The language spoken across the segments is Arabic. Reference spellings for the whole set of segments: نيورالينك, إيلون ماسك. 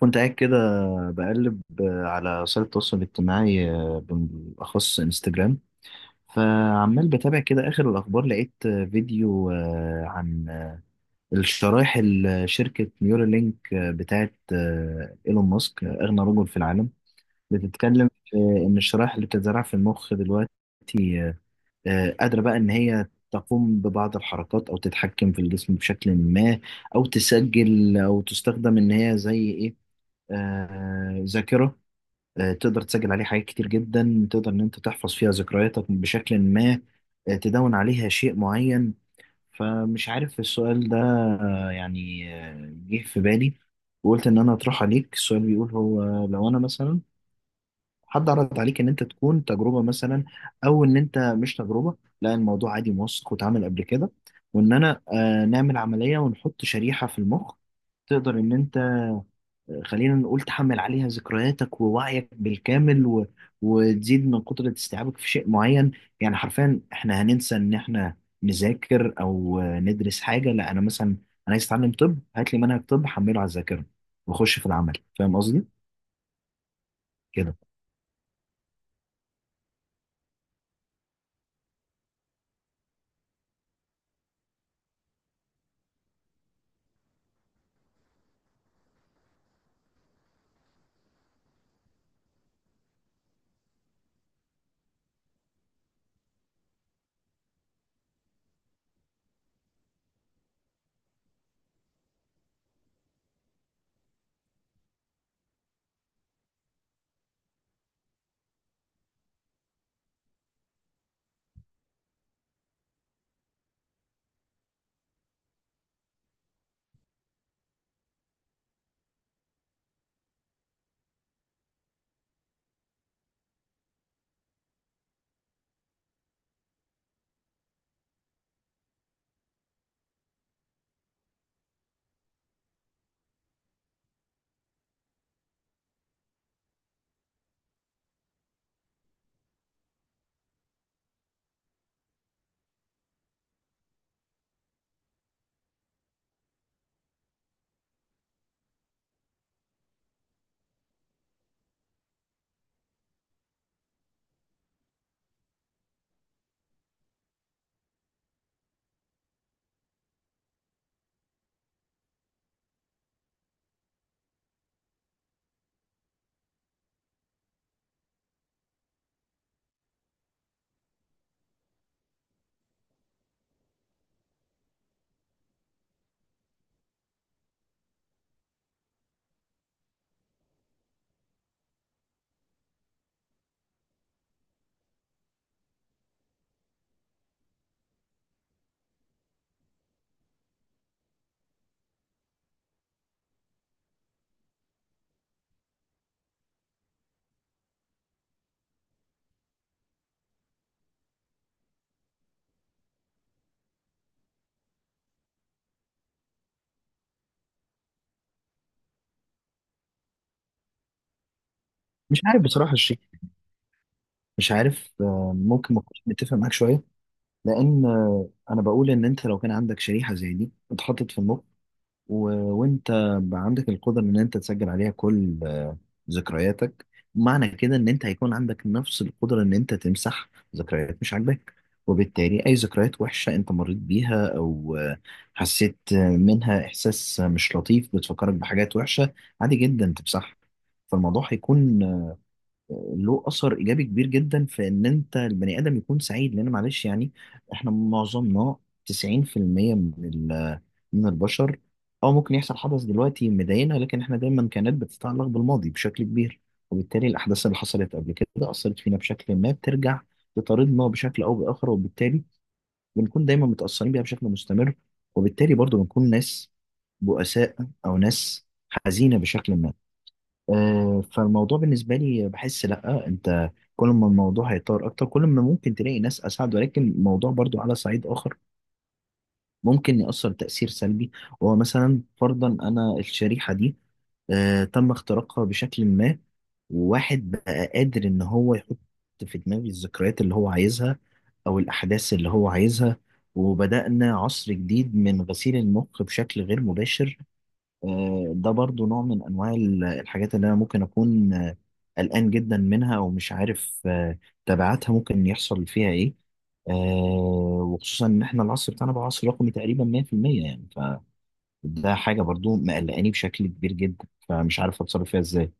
كنت قاعد كده بقلب على وسائل التواصل الاجتماعي، بالأخص انستجرام. فعمال بتابع كده آخر الأخبار، لقيت فيديو عن الشرايح اللي شركة نيورالينك بتاعت إيلون ماسك، أغنى رجل في العالم، بتتكلم في إن الشرايح اللي بتتزرع في المخ دلوقتي قادرة بقى إن هي تقوم ببعض الحركات أو تتحكم في الجسم بشكل ما، أو تسجل، أو تستخدم إن هي زي إيه، ذاكرة. تقدر تسجل عليه حاجات كتير جدا، تقدر ان انت تحفظ فيها ذكرياتك بشكل ما، تدون عليها شيء معين. فمش عارف السؤال ده يعني جه في بالي، وقلت ان انا اطرح عليك السؤال. بيقول هو لو انا مثلا حد عرض عليك ان انت تكون تجربة، مثلا، او ان انت مش تجربة، لا الموضوع عادي موثق واتعمل قبل كده، وان انا نعمل عملية ونحط شريحة في المخ، تقدر ان انت، خلينا نقول، تحمل عليها ذكرياتك ووعيك بالكامل، و... وتزيد من قدرة استيعابك في شيء معين. يعني حرفيا احنا هننسى ان احنا نذاكر او ندرس حاجة، لا انا مثلا انا عايز اتعلم طب، هات لي منهج طب حمله على الذاكرة واخش في العمل. فاهم قصدي كده؟ مش عارف بصراحة الشيء، مش عارف، ممكن ما اكونش متفق معاك شوية، لان انا بقول ان انت لو كان عندك شريحة زي دي اتحطت في المخ و... وانت بقى عندك القدرة ان انت تسجل عليها كل ذكرياتك، معنى كده ان انت هيكون عندك نفس القدرة ان انت تمسح ذكريات مش عاجباك. وبالتالي اي ذكريات وحشة انت مريت بيها او حسيت منها احساس مش لطيف بتفكرك بحاجات وحشة، عادي جدا تمسحها. فالموضوع هيكون له اثر ايجابي كبير جدا في ان انت البني ادم يكون سعيد، لان معلش يعني احنا معظمنا 90% من من البشر، او ممكن يحصل حدث دلوقتي مضايقنا، لكن احنا دايما كانت بتتعلق بالماضي بشكل كبير. وبالتالي الاحداث اللي حصلت قبل كده اثرت فينا بشكل ما، بترجع تطاردنا بشكل او باخر، وبالتالي بنكون دايما متاثرين بيها بشكل مستمر، وبالتالي برضو بنكون ناس بؤساء، او ناس حزينه بشكل ما. فالموضوع بالنسبة لي، بحس لأ، أنت كل ما الموضوع هيطور أكتر، كل ما ممكن تلاقي ناس أسعد. ولكن الموضوع برضو على صعيد آخر ممكن يأثر تأثير سلبي، وهو مثلا فرضا أنا الشريحة دي تم اختراقها بشكل ما، وواحد بقى قادر إن هو يحط في دماغي الذكريات اللي هو عايزها أو الأحداث اللي هو عايزها، وبدأنا عصر جديد من غسيل المخ بشكل غير مباشر. ده برضو نوع من انواع الحاجات اللي انا ممكن اكون قلقان جدا منها، او مش عارف تبعاتها ممكن يحصل فيها ايه، وخصوصا ان احنا العصر بتاعنا بقى عصر رقمي تقريبا 100% يعني. فده حاجه برضو مقلقاني بشكل كبير جدا، فمش عارف اتصرف فيها ازاي.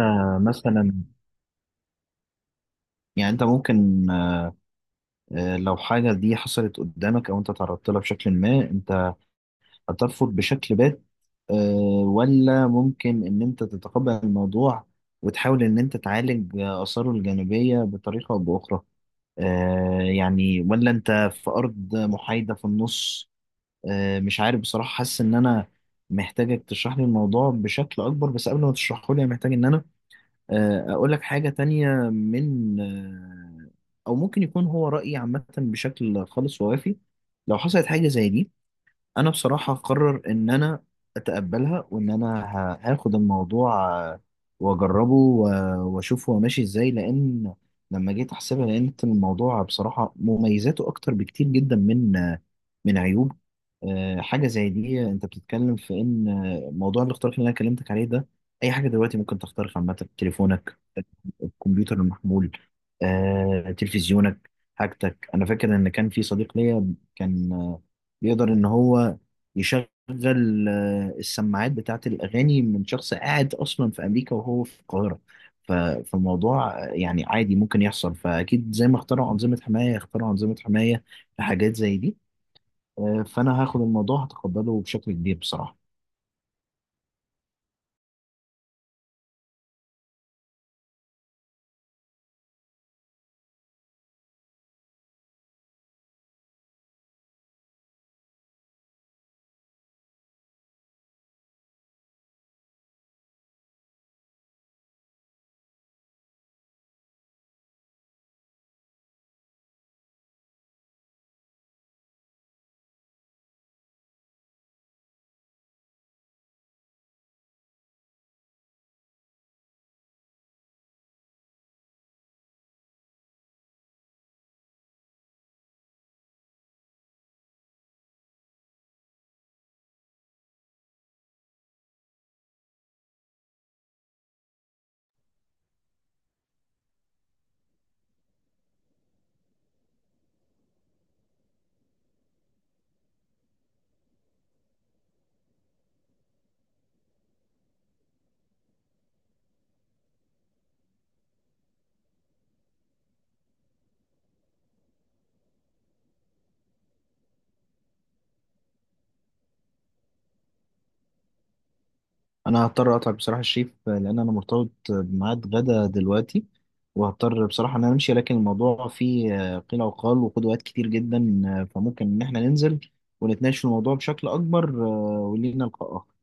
مثلا، يعني انت ممكن لو حاجه دي حصلت قدامك او انت تعرضت لها بشكل ما، انت هترفض بشكل بات، آه، ولا ممكن إن أنت تتقبل الموضوع وتحاول إن أنت تعالج آثاره الجانبية بطريقة أو بأخرى، يعني، ولا أنت في أرض محايدة في النص؟ مش عارف بصراحة، حاسس إن أنا محتاجك تشرح لي الموضوع بشكل أكبر. بس قبل ما تشرحه لي، أنا محتاج إن أنا أقول لك حاجة تانية من أو ممكن يكون هو رأيي عامة بشكل خالص ووافي. لو حصلت حاجة زي دي، انا بصراحه قرر ان انا اتقبلها، وان انا هاخد الموضوع واجربه و- واشوف هو ماشي ازاي. لان لما جيت احسبها، لقيت الموضوع بصراحه مميزاته اكتر بكتير جدا من من عيوب حاجه زي دي. انت بتتكلم في ان موضوع الاختراق اللي انا كلمتك عليه ده، اي حاجه دلوقتي ممكن تخترق، عامه تليفونك، الكمبيوتر المحمول، تلفزيونك، حاجتك. انا فاكر ان كان في صديق ليا كان بيقدر ان هو يشغل السماعات بتاعت الأغاني من شخص قاعد أصلا في أمريكا وهو في القاهرة. ف- فالموضوع يعني عادي ممكن يحصل. فأكيد زي ما اخترعوا أنظمة حماية، اخترعوا أنظمة حماية لحاجات زي دي. فأنا هاخد الموضوع، هتقبله بشكل كبير بصراحة. أنا هضطر أقطع بصراحة الشيف لأن أنا مرتبط بميعاد غدا دلوقتي، وهضطر بصراحة إن أنا أمشي. لكن الموضوع فيه قيل وقال وقدوات كتير جدا، فممكن إن إحنا ننزل ونتناقش في الموضوع بشكل أكبر. ولينا لقاء آخر.